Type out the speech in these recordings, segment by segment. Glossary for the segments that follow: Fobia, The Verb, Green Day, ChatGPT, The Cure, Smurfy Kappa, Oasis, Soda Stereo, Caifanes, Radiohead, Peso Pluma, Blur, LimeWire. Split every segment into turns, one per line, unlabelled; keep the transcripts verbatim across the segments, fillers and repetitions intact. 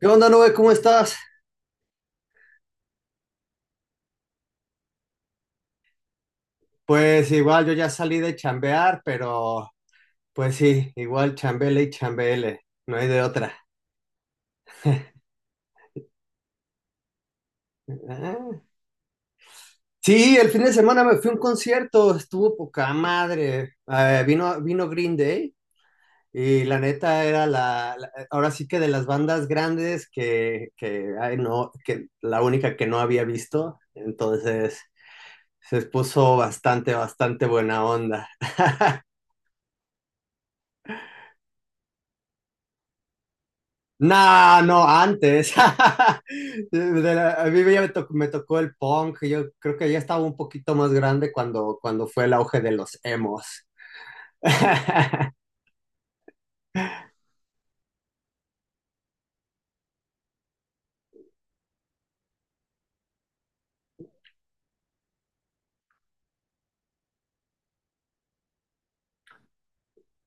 ¿Qué onda, Nube? ¿Cómo estás? Pues igual yo ya salí de chambear, pero pues sí, igual chambele y chambele, no hay de otra. Ah. Sí, el fin de semana me fui a un concierto, estuvo poca madre. Eh, vino, vino Green Day y la neta era la, la- ahora sí que de las bandas grandes que, que, ay, no, que la única que no había visto, entonces se puso bastante, bastante buena onda. No, no, antes. De la- a mí ya me tocó, me tocó el punk. Yo creo que ya estaba un poquito más grande cuando, cuando fue el auge de los emos.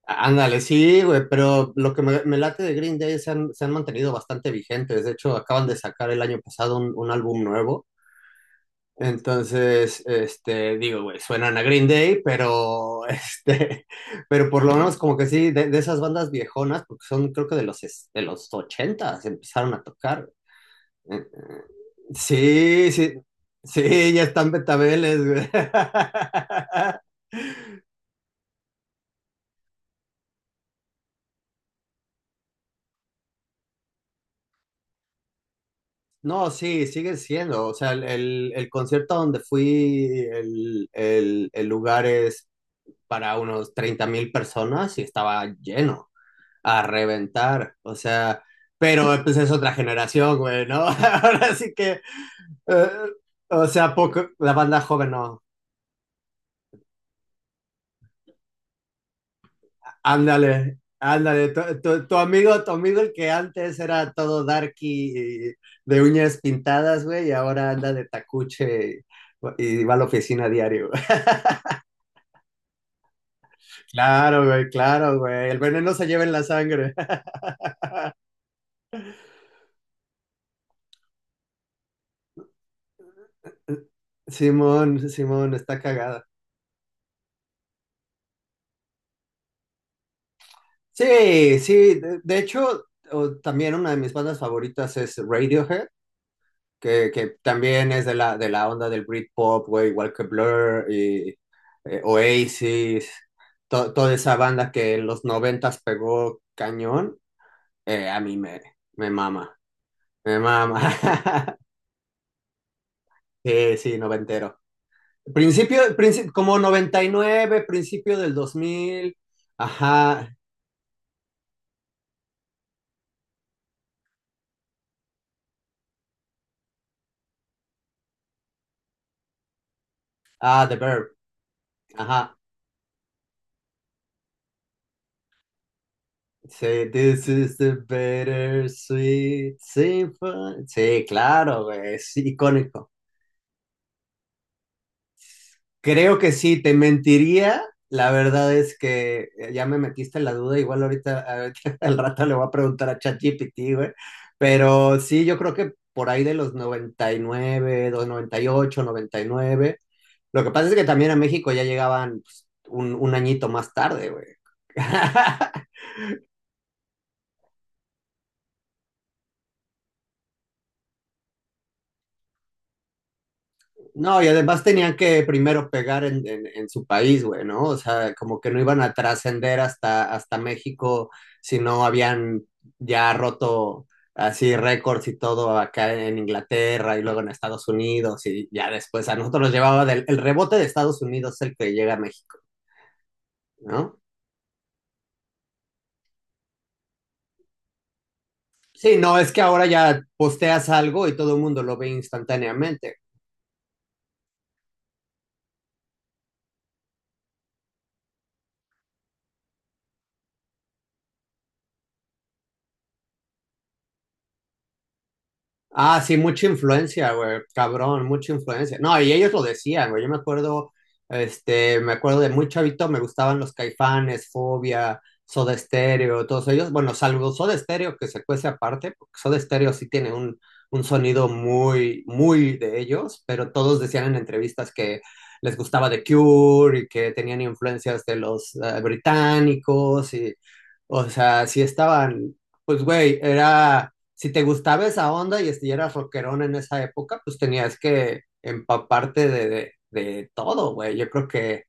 Ándale, sí, güey, pero lo que me, me late de Green Day se han, se han mantenido bastante vigentes. De hecho, acaban de sacar el año pasado un, un álbum nuevo. Entonces, este, digo, güey, suenan a Green Day, pero, este, pero por lo menos como que sí, de, de esas bandas viejonas, porque son creo que de los, es- de los ochentas empezaron a tocar. Eh, eh, Sí, sí, sí, ya están betabeles, güey. No, sí, sigue siendo. O sea, el, el- el concierto donde fui, el, el- el lugar es para unos treinta mil personas y estaba lleno, a reventar. O sea, pero eh, pues es otra generación, güey, ¿no? Ahora sí que, eh, o sea, poco, la banda joven no. Ándale, ándale, tu, tu- tu amigo, tu amigo el que antes era todo darky y de uñas pintadas, güey, y ahora anda de tacuche y, y va a la oficina diario, güey. Claro, güey, claro, güey. El veneno se lleva en la sangre. Simón, Simón, está cagada. Sí, sí, de, de hecho, o- también una de mis bandas favoritas es Radiohead, que, que también es de la, de la onda del Britpop, güey, igual que Blur y eh, Oasis, to- toda esa banda que en los noventas pegó cañón. Eh, a mí me, me mama, me mama. Sí, sí, noventero. Principio, princi- como noventa y nueve, principio del dos mil. Ajá. Ah, The Verb, ajá. Sí, this is the better sweet symphony. Sí, claro, güey, es icónico. Creo que sí, te mentiría. La verdad es que eh, ya me metiste la duda, igual ahorita, ahorita al rato le voy a preguntar a ChatGPT, güey. Pero sí, yo creo que por ahí de los noventa noventa y y nueve, dos, noventa y ocho, noventa y nueve. Lo que pasa es que también a México ya llegaban pues, un, un añito más tarde, güey. No, y además tenían que primero pegar en, en- en su país, güey, ¿no? O sea, como que no iban a trascender hasta, hasta México si no habían ya roto así récords y todo acá en Inglaterra y luego en Estados Unidos y ya después a nosotros nos llevaba del, el rebote de Estados Unidos el que llega a México, ¿no? Sí, no, es que ahora ya posteas algo y todo el mundo lo ve instantáneamente. Ah, sí, mucha influencia, güey, cabrón, mucha influencia. No, y ellos lo decían, güey, yo me acuerdo, este, me acuerdo de muy chavito, me gustaban los Caifanes, Fobia, Soda Stereo, todos ellos, bueno, salvo Soda Stereo que se cuece aparte, porque Soda Stereo sí tiene un, un sonido muy, muy de ellos, pero todos decían en entrevistas que les gustaba The Cure y que tenían influencias de los eh, británicos y, o sea, sí estaban, pues, güey, era si te gustaba esa onda y si eras rockerón en esa época, pues tenías que empaparte de, de, de todo, güey. Yo creo que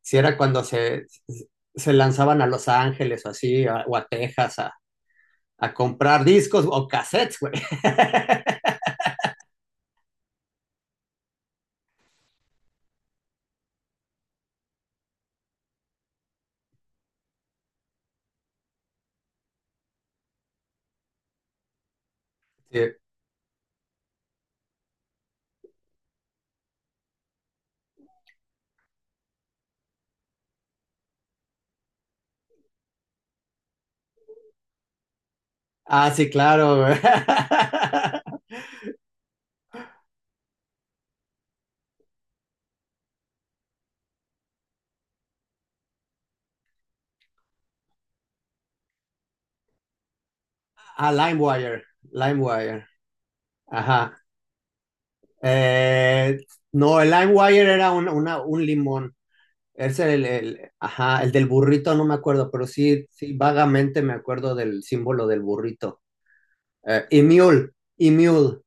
si era cuando se, se lanzaban a Los Ángeles o así, a- o a Texas, a, a comprar discos o cassettes, güey. Sí. Ah, sí, claro, güey. A LimeWire, LimeWire, ajá. Eh, no, el LimeWire era un, una- un limón. Es el, el, ajá, el del burrito, no me acuerdo, pero sí, sí, vagamente me acuerdo del símbolo del burrito. Eh, y mule, y mule,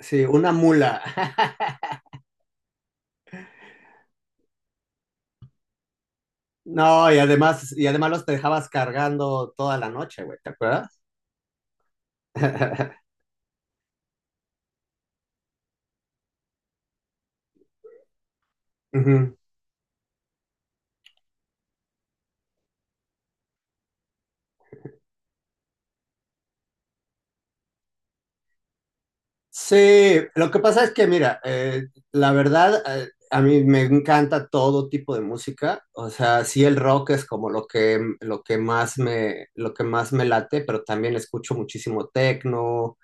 sí, una mula. No, y además, y además los dejabas cargando toda la noche, güey, ¿te acuerdas? Ujú. Sí, lo que pasa es que, mira, eh, la verdad, eh, a mí me encanta todo tipo de música. O sea, sí el rock es como lo que, lo que más me, lo que más me late, pero también escucho muchísimo techno.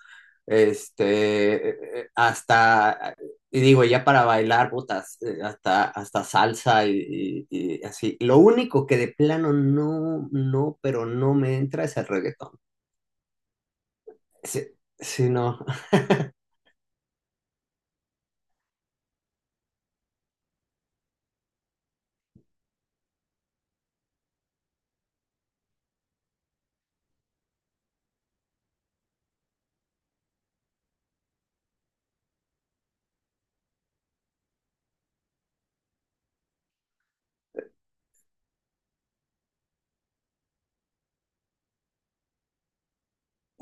Este, eh, eh, hasta, y digo, ya para bailar, botas, eh, hasta, hasta salsa y, y- y así. Lo único que de plano no, no, pero no me entra es el reggaetón. Sí, sí, no,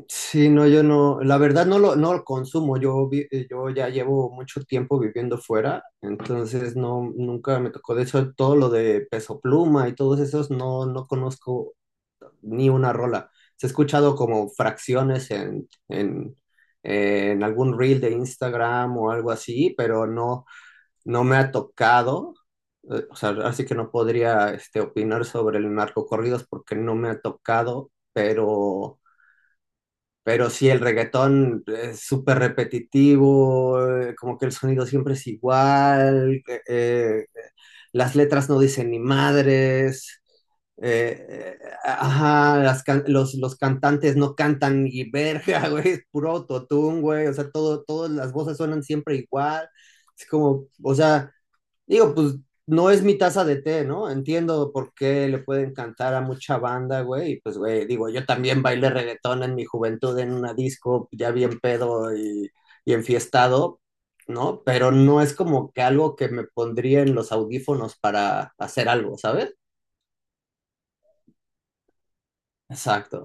sí, no, yo no, la verdad no lo, no lo consumo. Yo, vi- eh, yo ya llevo mucho tiempo viviendo fuera, entonces no, nunca me tocó. De hecho, todo lo de Peso Pluma y todos esos no, no conozco ni una rola. Se ha escuchado como fracciones en, en, en algún reel de Instagram o algo así, pero no, no me ha tocado. eh, O sea, así que no podría este, opinar sobre el narcocorridos porque no me ha tocado, pero, pero sí, el reggaetón es súper repetitivo, eh, como que el sonido siempre es igual. Eh, eh, las letras no dicen ni madres, eh, eh, ajá, las can- los, los cantantes no cantan ni verga, güey, es puro autotune, güey, o sea, todo, todas las voces suenan siempre igual, es como, o sea. Digo, pues no es mi taza de té, ¿no? Entiendo por qué le puede encantar a mucha banda, güey. Y pues, güey, digo, yo también bailé reggaetón en mi juventud en una disco, ya bien pedo y, y enfiestado, ¿no? Pero no es como que algo que me pondría en los audífonos para hacer algo, ¿sabes? Exacto.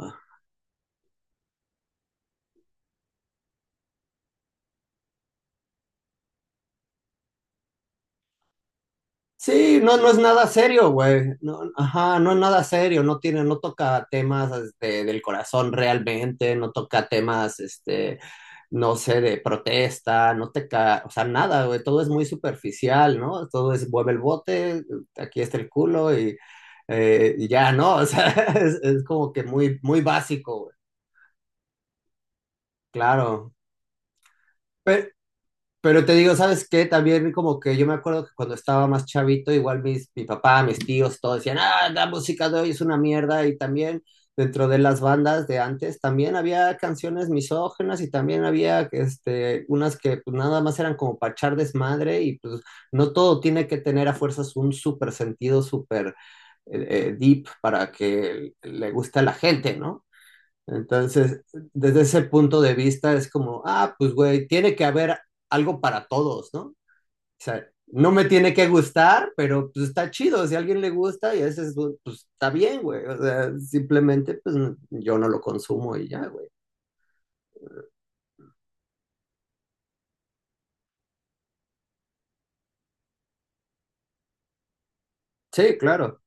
Sí, no, no es nada serio, güey. No, ajá, no es nada serio, no tiene, no toca temas este, del corazón realmente, no toca temas, este, no sé, de protesta, no toca, o sea, nada, güey, todo es muy superficial, ¿no? Todo es mueve el bote, aquí está el culo y, eh, y ya, ¿no? O sea, es, es como que muy, muy básico, güey, claro. Pe- Pero, Pero te digo, ¿sabes qué? También como que yo me acuerdo que cuando estaba más chavito, igual mis, mi papá, mis tíos, todos decían, ah, la música de hoy es una mierda. Y también dentro de las bandas de antes, también había canciones misóginas y también había este, unas que pues, nada más eran como para echar desmadre y pues no todo tiene que tener a fuerzas un súper sentido, súper eh, eh, deep para que le guste a la gente, ¿no? Entonces, desde ese punto de vista es como, ah, pues güey, tiene que haber algo para todos, ¿no? O sea, no me tiene que gustar, pero pues está chido, si a alguien le gusta y a veces, pues está bien, güey. O sea, simplemente pues yo no lo consumo y ya, güey. Sí, claro.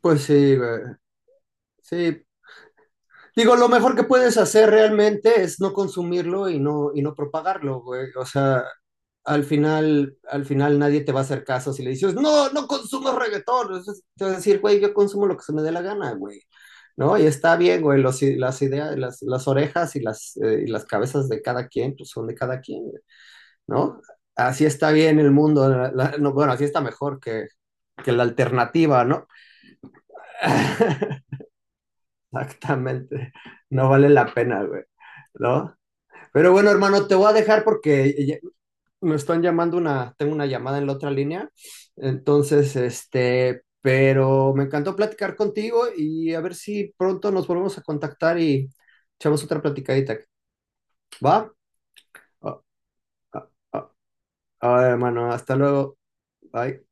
Pues sí, güey. Sí. Digo, lo mejor que puedes hacer realmente es no consumirlo y no, y no propagarlo, güey. O sea, al final, al final nadie te va a hacer caso si le dices, no, no consumo reggaetón. Entonces, te vas a decir, güey, yo consumo lo que se me dé la gana, güey. ¿No? Y está bien, güey, los, las ideas, las, las orejas y las, eh, y las cabezas de cada quien, pues son de cada quien, ¿no? Así está bien el mundo, la- la- no, bueno, así está mejor que, que la alternativa, ¿no? Exactamente, no vale la pena, güey, ¿no? Pero bueno, hermano, te voy a dejar porque me están llamando una, tengo una llamada en la otra línea, entonces, este, pero me encantó platicar contigo y a ver si pronto nos volvemos a contactar y echamos otra platicadita. ¿Va? Ah, ah, ah, ah, hermano, hasta luego. Bye.